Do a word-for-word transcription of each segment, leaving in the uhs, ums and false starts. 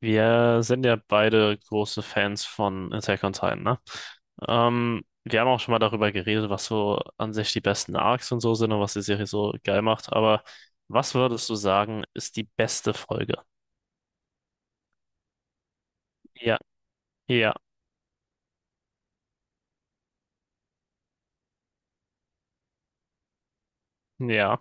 Wir sind ja beide große Fans von Attack on Titan, ne? Ähm, wir haben auch schon mal darüber geredet, was so an sich die besten Arcs und so sind und was die Serie so geil macht. Aber was würdest du sagen, ist die beste Folge? Ja, ja, ja.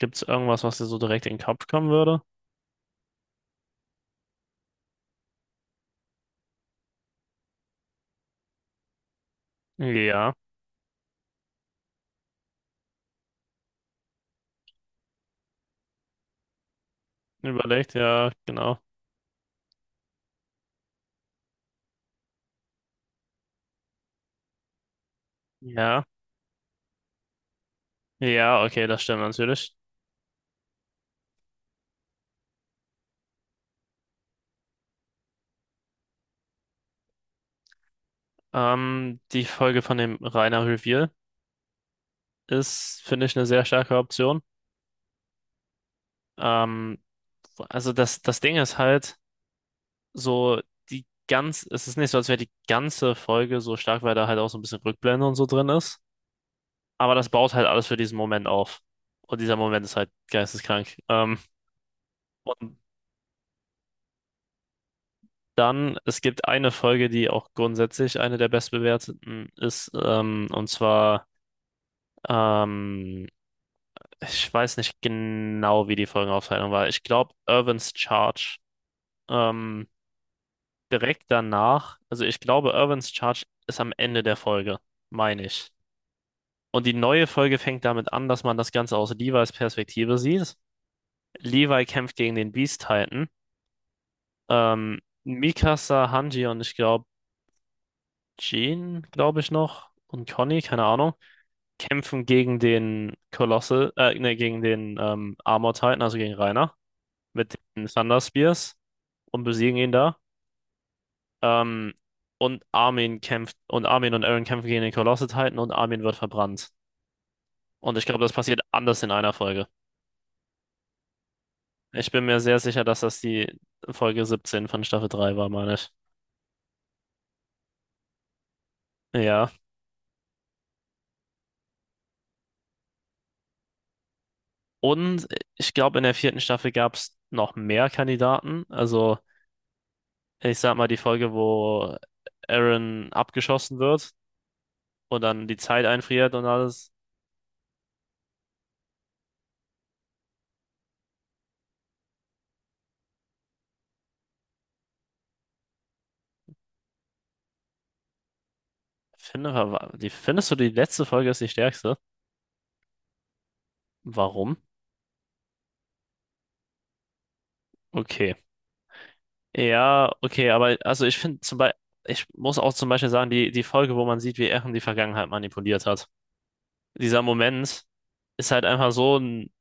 Gibt's irgendwas, was dir so direkt in den Kopf kommen würde? Ja, überlegt, ja, genau. Ja, ja, okay, das stimmt natürlich. Ähm, die Folge von dem Rainer Reveal ist, finde ich, eine sehr starke Option. Ähm, Also das, das Ding ist halt so, die ganz, es ist nicht so, als wäre die ganze Folge so stark, weil da halt auch so ein bisschen Rückblende und so drin ist. Aber das baut halt alles für diesen Moment auf. Und dieser Moment ist halt geisteskrank. Ähm, und dann, es gibt eine Folge, die auch grundsätzlich eine der bestbewerteten ist. Ähm, und zwar, ähm, ich weiß nicht genau, wie die Folgenaufteilung war. Ich glaube, Irvin's Charge. Ähm, direkt danach, also ich glaube, Irvins Charge ist am Ende der Folge, meine ich. Und die neue Folge fängt damit an, dass man das Ganze aus Levi's Perspektive sieht. Levi kämpft gegen den Beast Titan. Ähm, Mikasa, Hanji und ich glaube Jean, glaube ich noch, und Conny, keine Ahnung, kämpfen gegen den Colossal, äh, ne, gegen den ähm, Armor Titan, also gegen Reiner, mit den Thunder Spears und besiegen ihn da. Ähm, und Armin kämpft, und Armin und Eren kämpfen gegen den Colossal-Titan und Armin wird verbrannt. Und ich glaube, das passiert anders in einer Folge. Ich bin mir sehr sicher, dass das die Folge siebzehn von Staffel drei war, meine ich. Ja. Und ich glaube, in der vierten Staffel gab es noch mehr Kandidaten. Also, ich sag mal, die Folge, wo Eren abgeschossen wird und dann die Zeit einfriert und alles. Finde, war- die, findest du, die letzte Folge ist die stärkste? Warum? Okay. Ja, okay, aber also ich finde zum Beispiel, ich muss auch zum Beispiel sagen, die, die Folge, wo man sieht, wie Eren die Vergangenheit manipuliert hat. Dieser Moment ist halt einfach so ein,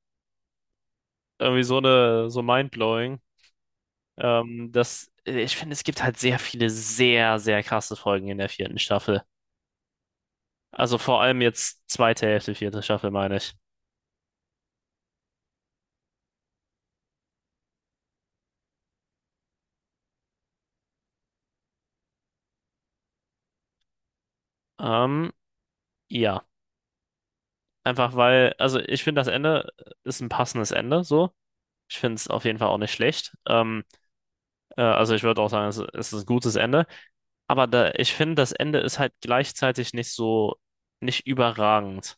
irgendwie so eine, so mindblowing, ähm, dass äh, ich finde, es gibt halt sehr viele sehr, sehr krasse Folgen in der vierten Staffel. Also vor allem jetzt zweite Hälfte, vierte Staffel, meine ich. Ähm, ja, einfach weil, also ich finde, das Ende äh, ist ein passendes Ende, so. Ich finde es auf jeden Fall auch nicht schlecht. Ähm, äh, also ich würde auch sagen, es, es ist ein gutes Ende. Aber da, ich finde, das Ende ist halt gleichzeitig nicht so, nicht überragend.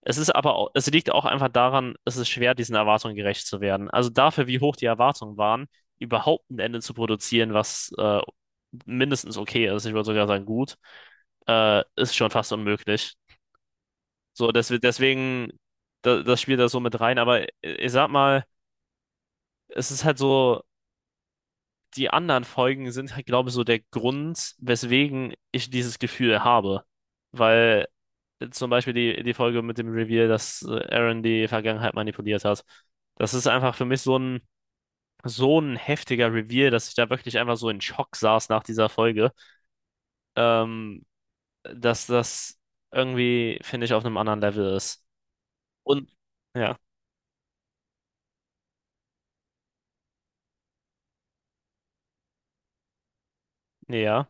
Es ist aber auch, es liegt auch einfach daran, es ist schwer, diesen Erwartungen gerecht zu werden. Also dafür, wie hoch die Erwartungen waren, überhaupt ein Ende zu produzieren, was äh, mindestens okay ist, ich würde sogar sagen gut, äh, ist schon fast unmöglich. So, des, deswegen, da, das spielt da so mit rein. Aber äh, ich sag mal, es ist halt so, die anderen Folgen sind halt, glaube ich, so der Grund, weswegen ich dieses Gefühl habe. Weil zum Beispiel die, die Folge mit dem Reveal, dass äh, Aaron die Vergangenheit manipuliert hat. Das ist einfach für mich so ein, so ein heftiger Reveal, dass ich da wirklich einfach so in Schock saß nach dieser Folge. Ähm, dass das irgendwie, finde ich, auf einem anderen Level ist. Und ja, ja,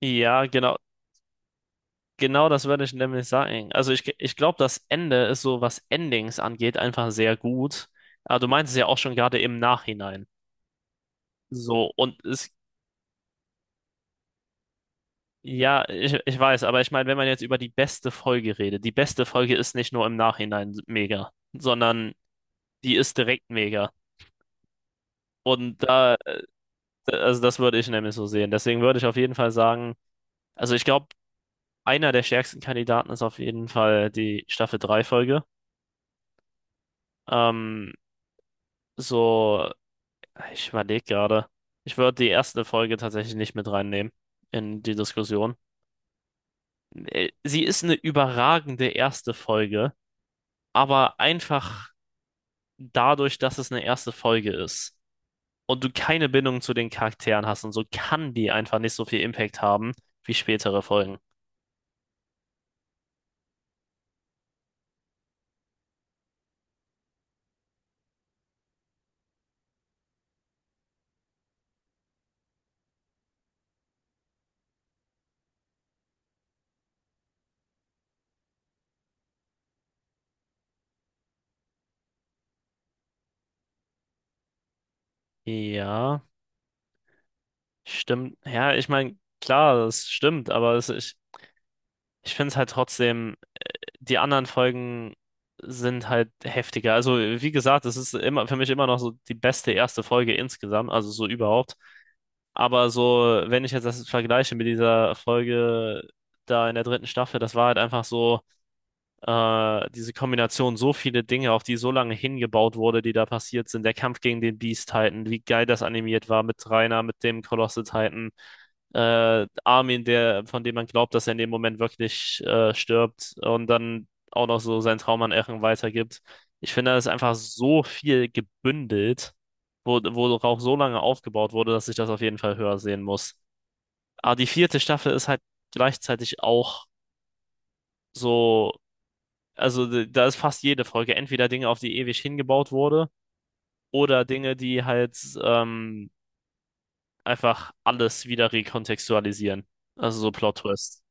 ja, genau, genau das würde ich nämlich sagen. Also ich, ich glaube, das Ende ist so, was Endings angeht, einfach sehr gut. Aber du meinst es ja auch schon gerade im Nachhinein. So, und es ja, ich, ich weiß, aber ich meine, wenn man jetzt über die beste Folge redet, die beste Folge ist nicht nur im Nachhinein mega, sondern die ist direkt mega. Und da, also das würde ich nämlich so sehen. Deswegen würde ich auf jeden Fall sagen, also ich glaube, einer der stärksten Kandidaten ist auf jeden Fall die Staffel drei Folge. Ähm, so, ich überlege gerade, ich würde die erste Folge tatsächlich nicht mit reinnehmen in die Diskussion. Äh, Sie ist eine überragende erste Folge, aber einfach dadurch, dass es eine erste Folge ist und du keine Bindung zu den Charakteren hast und so, kann die einfach nicht so viel Impact haben wie spätere Folgen. Ja, stimmt. Ja, ich meine, klar, das stimmt, aber es, ich, ich finde es halt trotzdem, die anderen Folgen sind halt heftiger. Also, wie gesagt, es ist immer für mich immer noch so die beste erste Folge insgesamt, also so überhaupt. Aber so, wenn ich jetzt das vergleiche mit dieser Folge da in der dritten Staffel, das war halt einfach so äh, diese Kombination, so viele Dinge, auf die so lange hingebaut wurde, die da passiert sind. Der Kampf gegen den Beast Titan, wie geil das animiert war mit Reiner, mit dem Colossal Titan. Äh, Armin, der, von dem man glaubt, dass er in dem Moment wirklich äh, stirbt und dann auch noch so seinen Traum an Eren weitergibt. Ich finde, da ist einfach so viel gebündelt, wo, worauf so lange aufgebaut wurde, dass ich das auf jeden Fall höher sehen muss. Aber die vierte Staffel ist halt gleichzeitig auch so, also d- da ist fast jede Folge entweder Dinge, auf die ewig hingebaut wurde, oder Dinge, die halt ähm, einfach alles wieder rekontextualisieren. Also so Plot-Twist.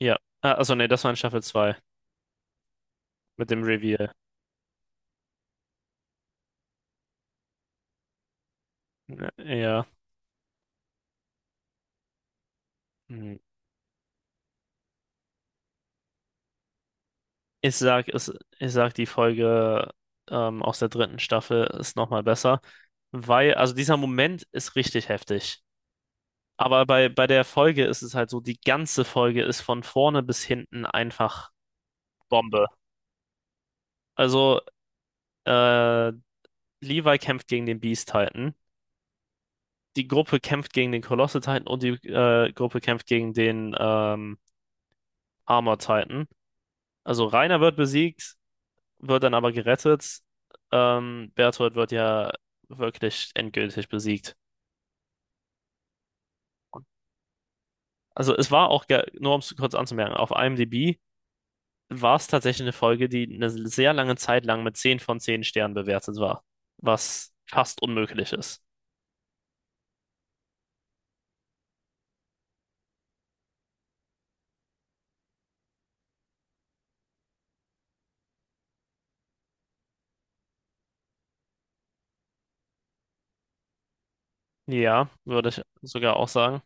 Ja. Ah, also nee, das war in Staffel zwei mit dem Reveal. Ja, ja. Hm. Ich sag, es, ich sag, die Folge ähm, aus der dritten Staffel ist nochmal besser, weil, also dieser Moment ist richtig heftig. Aber bei, bei der Folge ist es halt so, die ganze Folge ist von vorne bis hinten einfach Bombe. Also äh, Levi kämpft gegen den Beast Titan. Die Gruppe kämpft gegen den Colossal Titan und die äh, Gruppe kämpft gegen den ähm, Armor Titan. Also Reiner wird besiegt, wird dann aber gerettet. Ähm, Berthold wird ja wirklich endgültig besiegt. Also es war auch, ge- nur um es kurz anzumerken, auf IMDb war es tatsächlich eine Folge, die eine sehr lange Zeit lang mit zehn von zehn Sternen bewertet war, was fast unmöglich ist. Ja, würde ich sogar auch sagen.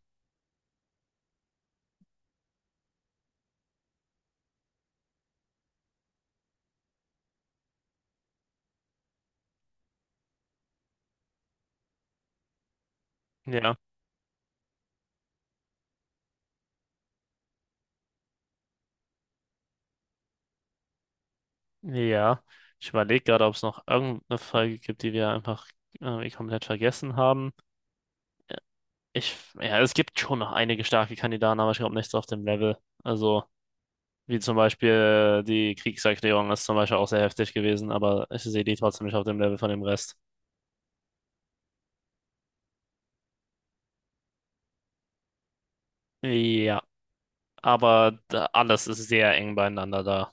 Ja. Ja, ich überlege gerade, ob es noch irgendeine Frage gibt, die wir einfach irgendwie komplett vergessen haben. Ich, ja, es gibt schon noch einige starke Kandidaten, aber ich glaube nichts auf dem Level. Also, wie zum Beispiel die Kriegserklärung ist zum Beispiel auch sehr heftig gewesen, aber ich sehe die trotzdem nicht auf dem Level von dem Rest. Ja, aber da, alles ist sehr eng beieinander da.